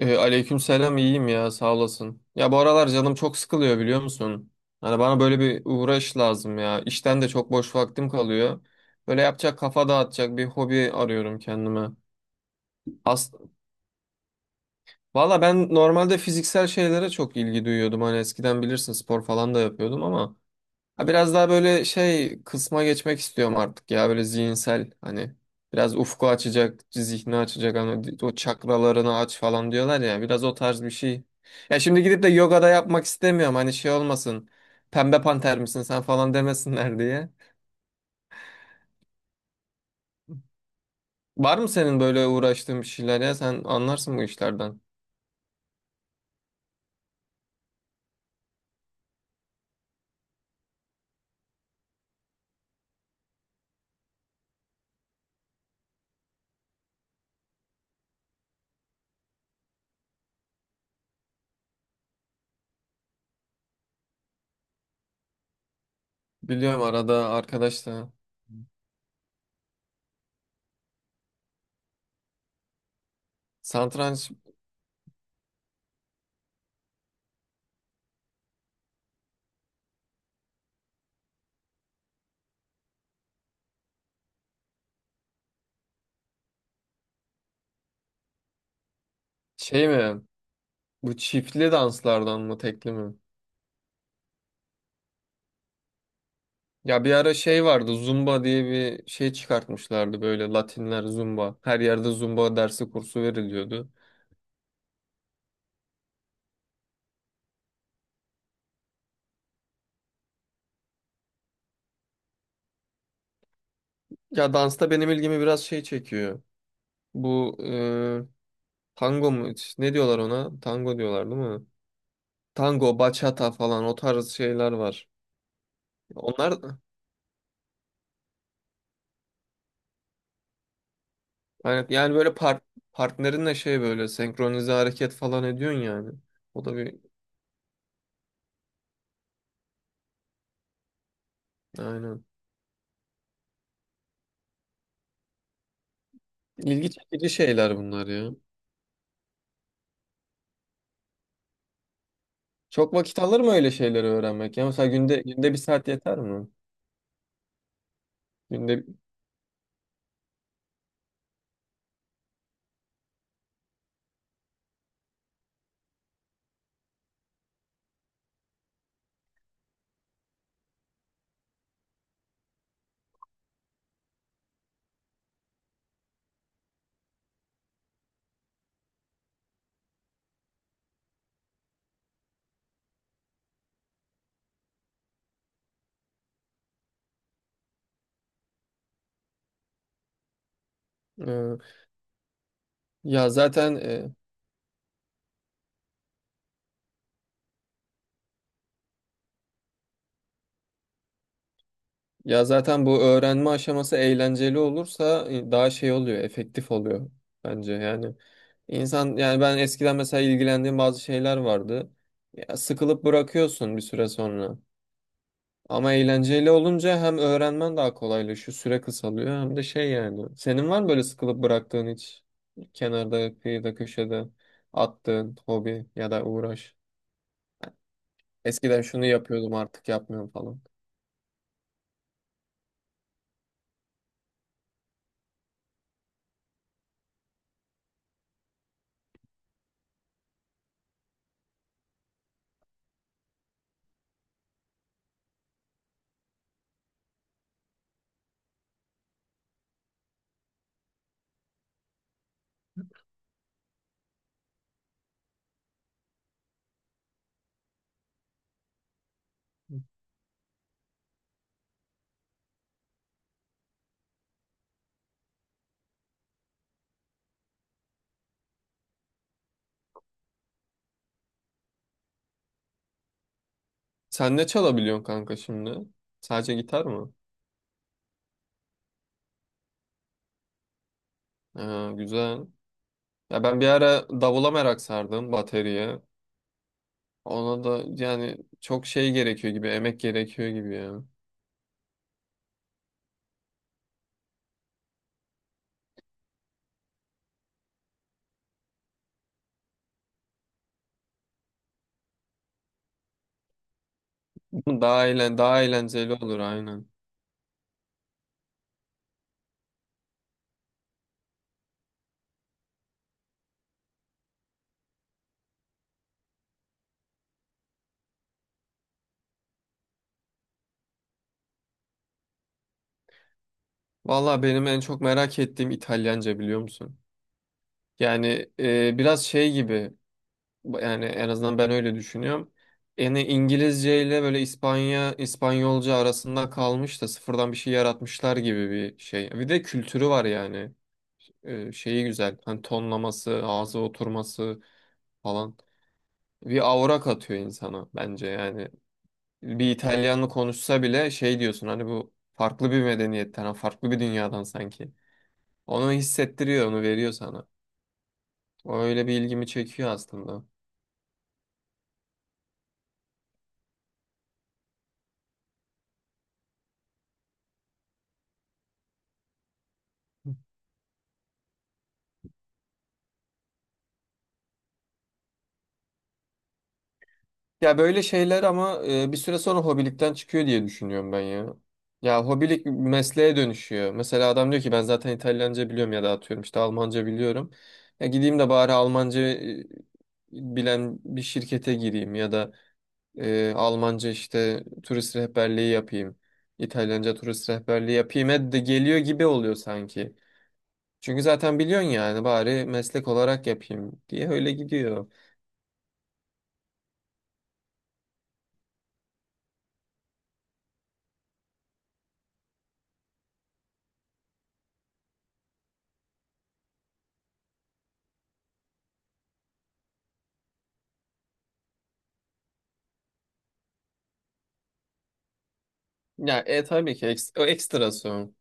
Aleykümselam, iyiyim ya, sağ olasın. Ya bu aralar canım çok sıkılıyor, biliyor musun? Hani bana böyle bir uğraş lazım ya. İşten de çok boş vaktim kalıyor. Böyle yapacak, kafa dağıtacak bir hobi arıyorum kendime. As Valla ben normalde fiziksel şeylere çok ilgi duyuyordum. Hani eskiden bilirsin, spor falan da yapıyordum ama Ha, biraz daha böyle şey kısma geçmek istiyorum artık ya, böyle zihinsel, hani biraz ufku açacak, zihni açacak, hani o çakralarını aç falan diyorlar ya, biraz o tarz bir şey. Ya şimdi gidip de yoga da yapmak istemiyorum, hani şey olmasın, pembe panter misin sen falan demesinler diye. Var mı senin böyle uğraştığın bir şeyler? Ya sen anlarsın bu işlerden. Biliyorum arada arkadaşlar satranç. Şey mi, bu çiftli danslardan mı, tekli mi? Ya bir ara şey vardı, Zumba diye bir şey çıkartmışlardı, böyle Latinler Zumba. Her yerde Zumba dersi, kursu veriliyordu. Ya dansta benim ilgimi biraz şey çekiyor. Bu tango mu? Ne diyorlar ona? Tango diyorlar, değil mi? Tango, bachata falan, o tarz şeyler var. Onlar yani, böyle partnerinle şey, böyle senkronize hareket falan ediyorsun yani. O da bir Aynen. İlgi çekici şeyler bunlar ya. Çok vakit alır mı öyle şeyleri öğrenmek? Ya mesela günde bir saat yeter mi? Günde e, ya zaten e, ya zaten bu öğrenme aşaması eğlenceli olursa daha şey oluyor, efektif oluyor bence. Yani insan, ben eskiden mesela ilgilendiğim bazı şeyler vardı. Ya sıkılıp bırakıyorsun bir süre sonra. Ama eğlenceli olunca hem öğrenmen daha kolaylaşıyor, süre kısalıyor, hem de şey yani. Senin var mı böyle sıkılıp bıraktığın, hiç kenarda, kıyıda, köşede attığın hobi ya da uğraş? Eskiden şunu yapıyordum, artık yapmıyorum falan. Sen ne çalabiliyorsun kanka şimdi? Sadece gitar mı? Ha, güzel. Ya ben bir ara davula merak sardım, bateriye. Ona da yani çok şey gerekiyor gibi, emek gerekiyor gibi ya. Daha eğlenceli olur, aynen. Valla benim en çok merak ettiğim İtalyanca, biliyor musun? Yani biraz şey gibi, yani en azından ben öyle düşünüyorum. Yani İngilizce ile böyle İspanya, İspanyolca arasında kalmış da sıfırdan bir şey yaratmışlar gibi bir şey. Bir de kültürü var yani. Şeyi güzel. Hani tonlaması, ağza oturması falan. Bir aura katıyor insana bence yani. Bir İtalyanlı konuşsa bile şey diyorsun, hani bu farklı bir medeniyetten, farklı bir dünyadan sanki. Onu hissettiriyor, onu veriyor sana. O öyle bir ilgimi çekiyor aslında. Ya böyle şeyler ama bir süre sonra hobilikten çıkıyor diye düşünüyorum ben ya. Ya hobilik mesleğe dönüşüyor. Mesela adam diyor ki, ben zaten İtalyanca biliyorum, ya da atıyorum işte Almanca biliyorum. Ya gideyim de bari Almanca bilen bir şirkete gireyim, ya da Almanca işte turist rehberliği yapayım. İtalyanca turist rehberliği yapayım. E de geliyor gibi oluyor sanki. Çünkü zaten biliyorsun yani, bari meslek olarak yapayım diye öyle gidiyor. Ya tabii ki eks-, o ekstrası.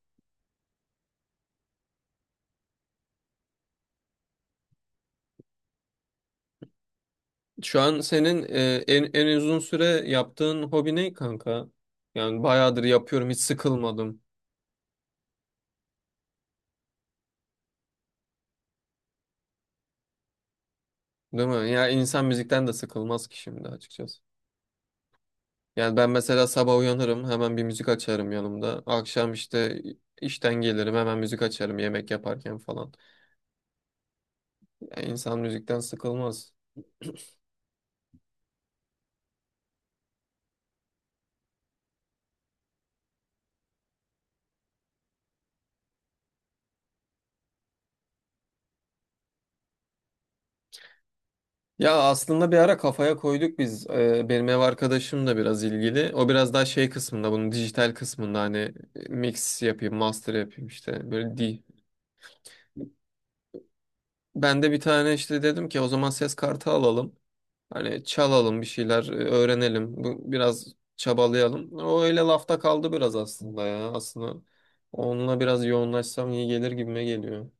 Şu an senin en uzun süre yaptığın hobi ne kanka? Yani bayağıdır yapıyorum, hiç sıkılmadım. Değil mi? Ya insan müzikten de sıkılmaz ki şimdi, açıkçası. Yani ben mesela sabah uyanırım, hemen bir müzik açarım yanımda. Akşam işte işten gelirim, hemen müzik açarım yemek yaparken falan. Yani insan müzikten sıkılmaz. Ya aslında bir ara kafaya koyduk biz. Benim ev arkadaşım da biraz ilgili. O biraz daha şey kısmında, bunun dijital kısmında, hani mix yapayım, master yapayım, işte böyle ben de bir tane işte dedim ki, o zaman ses kartı alalım. Hani çalalım bir şeyler, öğrenelim. Bu biraz çabalayalım. O öyle lafta kaldı biraz aslında ya. Aslında onunla biraz yoğunlaşsam iyi gelir gibime geliyor.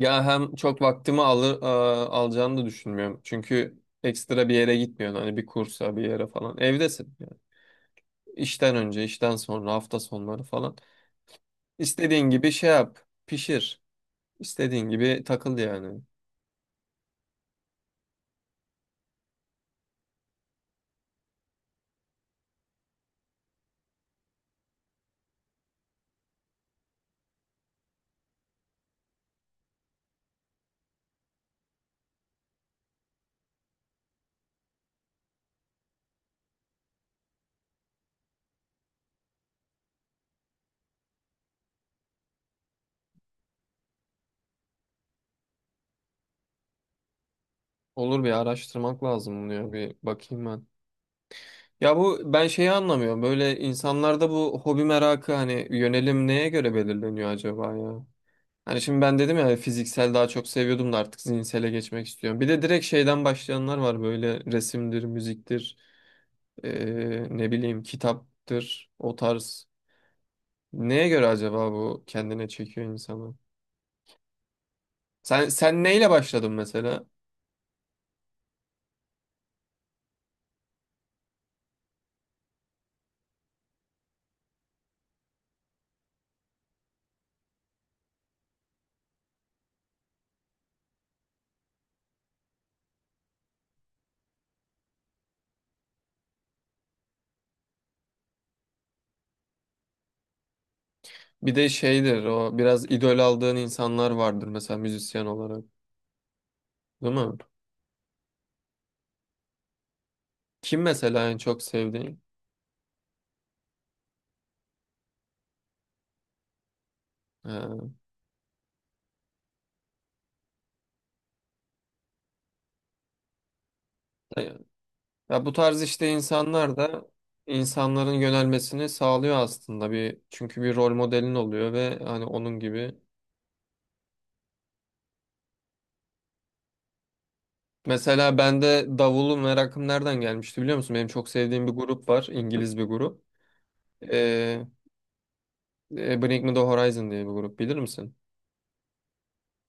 Ya hem çok vaktimi alır, alacağını da düşünmüyorum. Çünkü ekstra bir yere gitmiyorsun, hani bir kursa, bir yere falan. Evdesin. Yani, İşten önce, işten sonra, hafta sonları falan. İstediğin gibi şey yap, pişir. İstediğin gibi takıl yani. Olur, bir araştırmak lazım bunu, ya bir bakayım ben. Ya bu ben şeyi anlamıyorum. Böyle insanlarda bu hobi merakı, hani yönelim neye göre belirleniyor acaba ya? Hani şimdi ben dedim ya, fiziksel daha çok seviyordum da artık zihinsele geçmek istiyorum. Bir de direkt şeyden başlayanlar var, böyle resimdir, müziktir, ne bileyim kitaptır, o tarz. Neye göre acaba bu kendine çekiyor insanı? Sen neyle başladın mesela? Bir de şeydir o, biraz idol aldığın insanlar vardır mesela, müzisyen olarak. Değil mi? Kim mesela en çok sevdiğin? Ee, ya bu tarz işte insanlar da, insanların yönelmesini sağlıyor aslında, bir çünkü bir rol modelin oluyor ve hani onun gibi. Mesela bende davulu merakım nereden gelmişti, biliyor musun? Benim çok sevdiğim bir grup var, İngiliz bir grup. Ee, Bring Me The Horizon diye bir grup, bilir misin?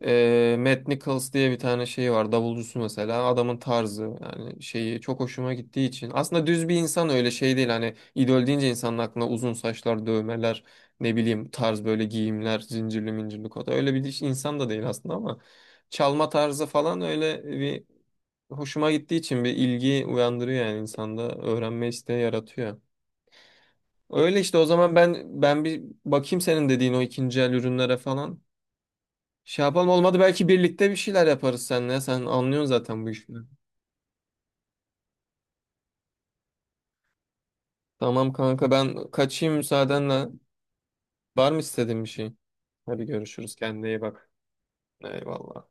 Matt Nichols diye bir tane şeyi var. Davulcusu mesela. Adamın tarzı, yani şeyi çok hoşuma gittiği için. Aslında düz bir insan, öyle şey değil. Hani idol deyince insanın aklına uzun saçlar, dövmeler, ne bileyim tarz, böyle giyimler, zincirli mincirli kota. Öyle bir insan da değil aslında, ama çalma tarzı falan öyle bir hoşuma gittiği için bir ilgi uyandırıyor yani insanda, öğrenme isteği yaratıyor. Öyle işte, o zaman ben bir bakayım senin dediğin o ikinci el ürünlere falan. Şey yapalım, olmadı belki birlikte bir şeyler yaparız seninle. Sen anlıyorsun zaten bu işleri. Tamam kanka, ben kaçayım müsaadenle. Var mı istediğin bir şey? Hadi görüşürüz, kendine iyi bak. Eyvallah.